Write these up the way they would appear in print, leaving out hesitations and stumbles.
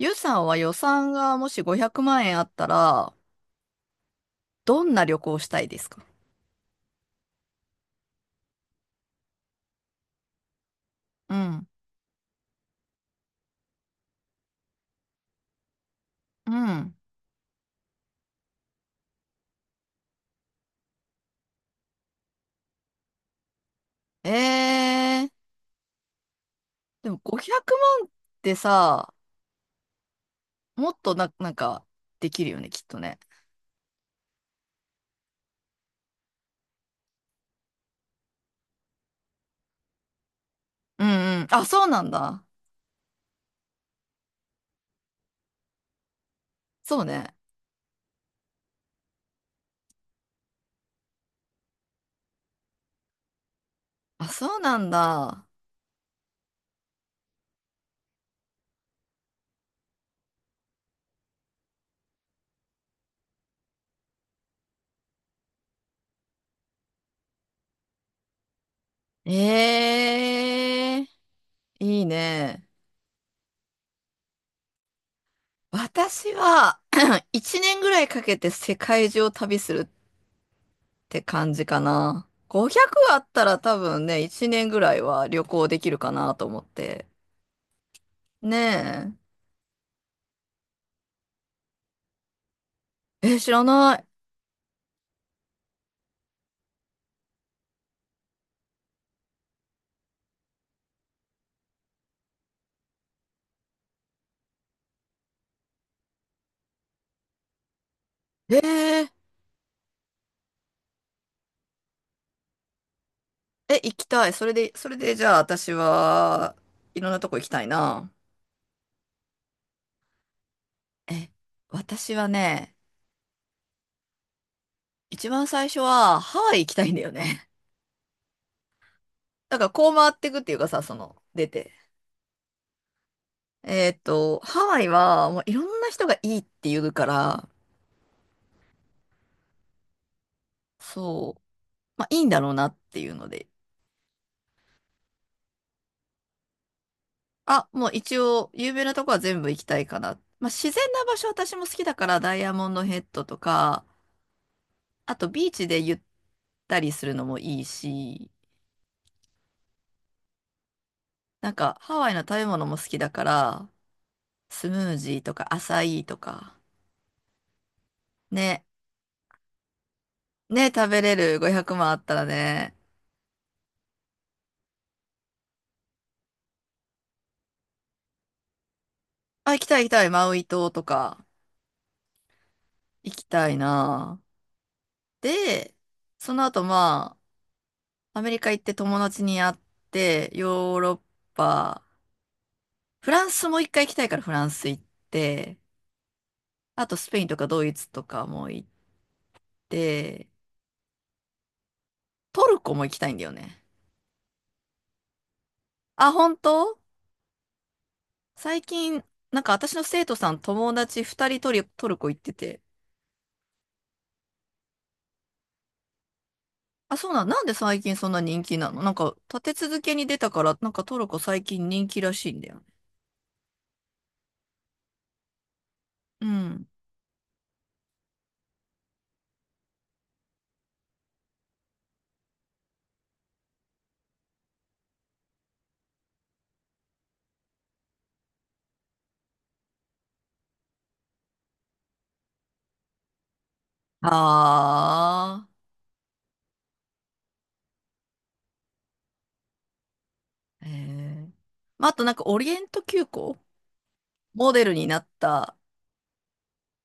ゆうさんは予算がもし500万円あったら、どんな旅行をしたいですか？うん。うん。えー、でも500万ってさ、もっとな、なんか、できるよね、きっとね。うんうん。あ、そうなんだ。そうね。あ、そうなんだ。えー、いいね。私は1年 ぐらいかけて世界中を旅するて感じかな。500あったら多分ね、1年ぐらいは旅行できるかなと思って。ねえ。え、知らない。え、行きたい。それでじゃあ私はいろんなとこ行きたいな。え、私はね、一番最初はハワイ行きたいんだよね。だからこう回っていくっていうかさ、出て。ハワイはもういろんな人がいいって言うから、そう、まあいいんだろうなっていうので、あ、もう一応、有名なとこは全部行きたいかな。まあ、自然な場所私も好きだから、ダイヤモンドヘッドとか、あとビーチでゆったりするのもいいし、なんかハワイの食べ物も好きだから、スムージーとかアサイーとか、ね、ね、食べれる500万あったらね、あ、行きたい行きたい、マウイ島とか、行きたいな。で、その後まあ、アメリカ行って友達に会って、ヨーロッパ、フランスも一回行きたいからフランス行って、あとスペインとかドイツとかも行って、トルコも行きたいんだよね。あ、本当？最近、なんか私の生徒さん友達2人トルコ行ってて。あ、なんで最近そんな人気なの？なんか立て続けに出たから、なんかトルコ最近人気らしいんだよね。うん。ああ、ええまあ、あとなんかオリエント急行モデルになった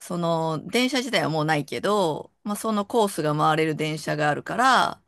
その電車自体はもうないけど、まあ、そのコースが回れる電車があるから、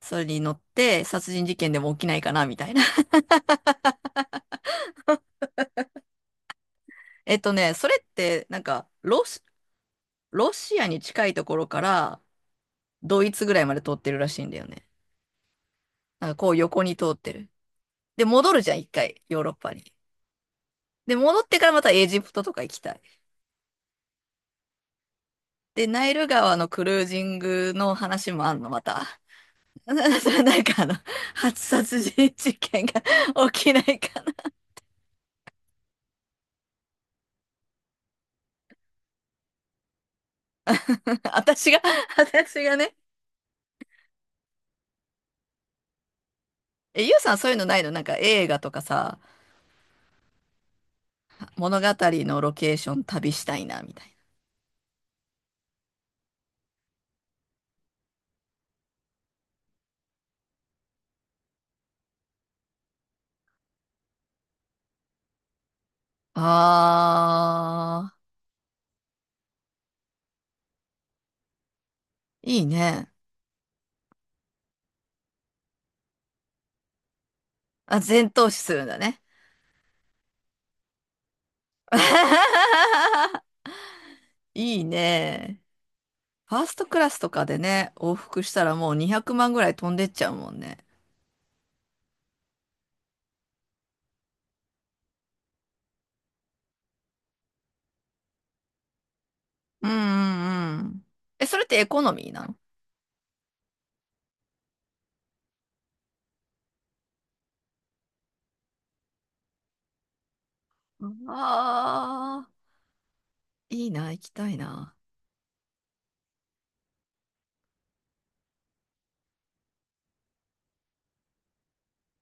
それに乗って殺人事件でも起きないかなみたいな。それってなんかロシアに近いところからドイツぐらいまで通ってるらしいんだよね。なんかこう横に通ってる。で、戻るじゃん、一回、ヨーロッパに。で、戻ってからまたエジプトとか行きたい。で、ナイル川のクルージングの話もあんの、また。なんかあの、初殺人事件が 起きないか 私が、私がね。え、ゆうさんそういうのないの？なんか映画とかさ、物語のロケーション旅したいな、みたいな。あー、いいね。あ、全投資するんだね。いいね。ファーストクラスとかでね、往復したらもう200万ぐらい飛んでっちゃうもんね。うんうんうん。え、それってエコノミーなの？ああー、いいな、行きたいな。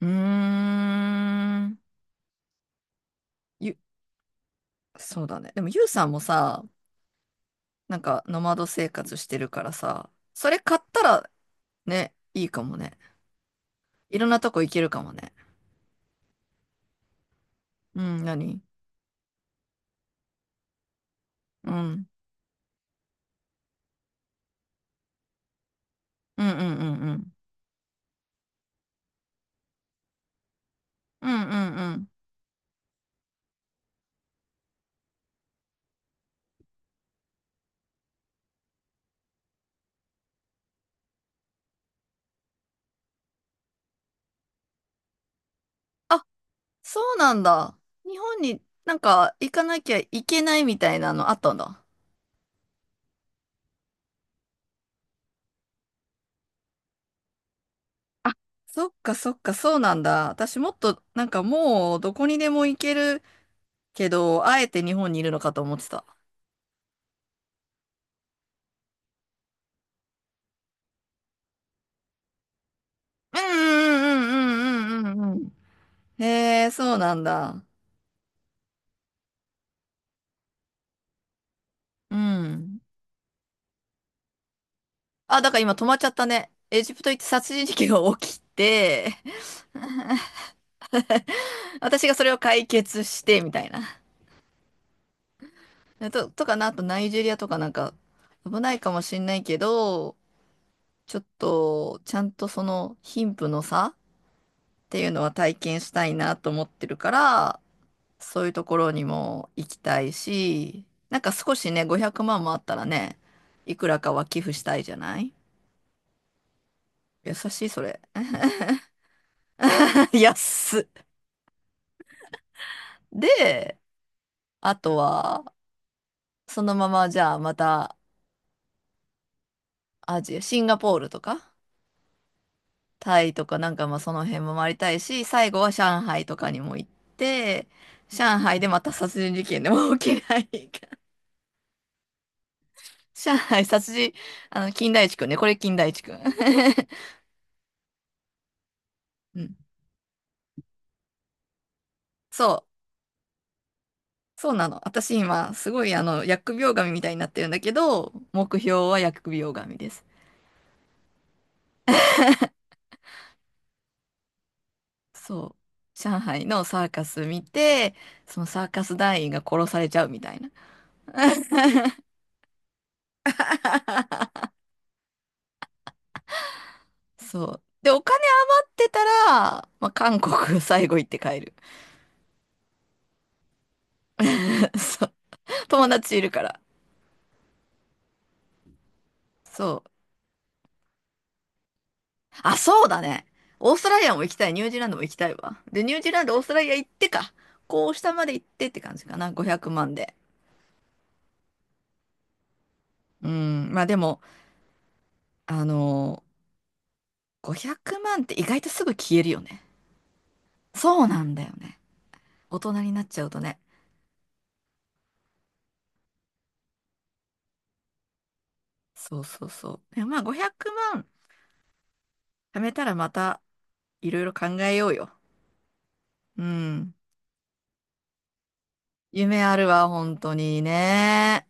うーん。ゆそうだね。でも、ユウさんもさ、なんか、ノマド生活してるからさ、それ買ったら、ね、いいかもね。いろんなとこ行けるかもね。うん、何？うん。うんうんうんうん。うんうんうん。あ、そうなんだ。日本になんか行かなきゃいけないみたいなのあったんだ。あ、そっかそっか、そうなんだ。私もっと、なんかもう、どこにでも行けるけど、あえて日本にいるのかと思ってた。うんうんうんうんうんうんうん。へえ、そうなんだ。うん。あ、だから今止まっちゃったね。エジプト行って殺人事件が起きて、私がそれを解決して、みたいな。でと、とかな、あとナイジェリアとかなんか、危ないかもしんないけど、ちょっと、ちゃんとその貧富の差っていうのは体験したいなと思ってるから、そういうところにも行きたいし、なんか少しね、500万もあったらね、いくらかは寄付したいじゃない？優しい、それ。安っ。で、あとは、そのままじゃあまたアジア、シンガポールとか、タイとかなんかまあその辺も回りたいし、最後は上海とかにも行って、上海でまた殺人事件でも起きないか。上海殺人、あの、金田一くんね。これ金田一くん。うん。そう。そうなの。私今、すごいあの、疫病神みたいになってるんだけど、目標は疫病神です。そう。上海のサーカス見て、そのサーカス団員が殺されちゃうみたいな。そう。で、お金あってたら、まあ、韓国最後行って帰る。そう。友達いるから。そう。あ、そうだね。オーストラリアも行きたい。ニュージーランドも行きたいわ。で、ニュージーランド、オーストラリア行ってか。こう、下まで行ってって感じかな。500万で。うん。まあでも、あのー500万って意外とすぐ消えるよね。そうなんだよね。大人になっちゃうとね。そうそうそう。でもまあ500万貯めたらまたいろいろ考えようよ。うん。夢あるわ、本当にね。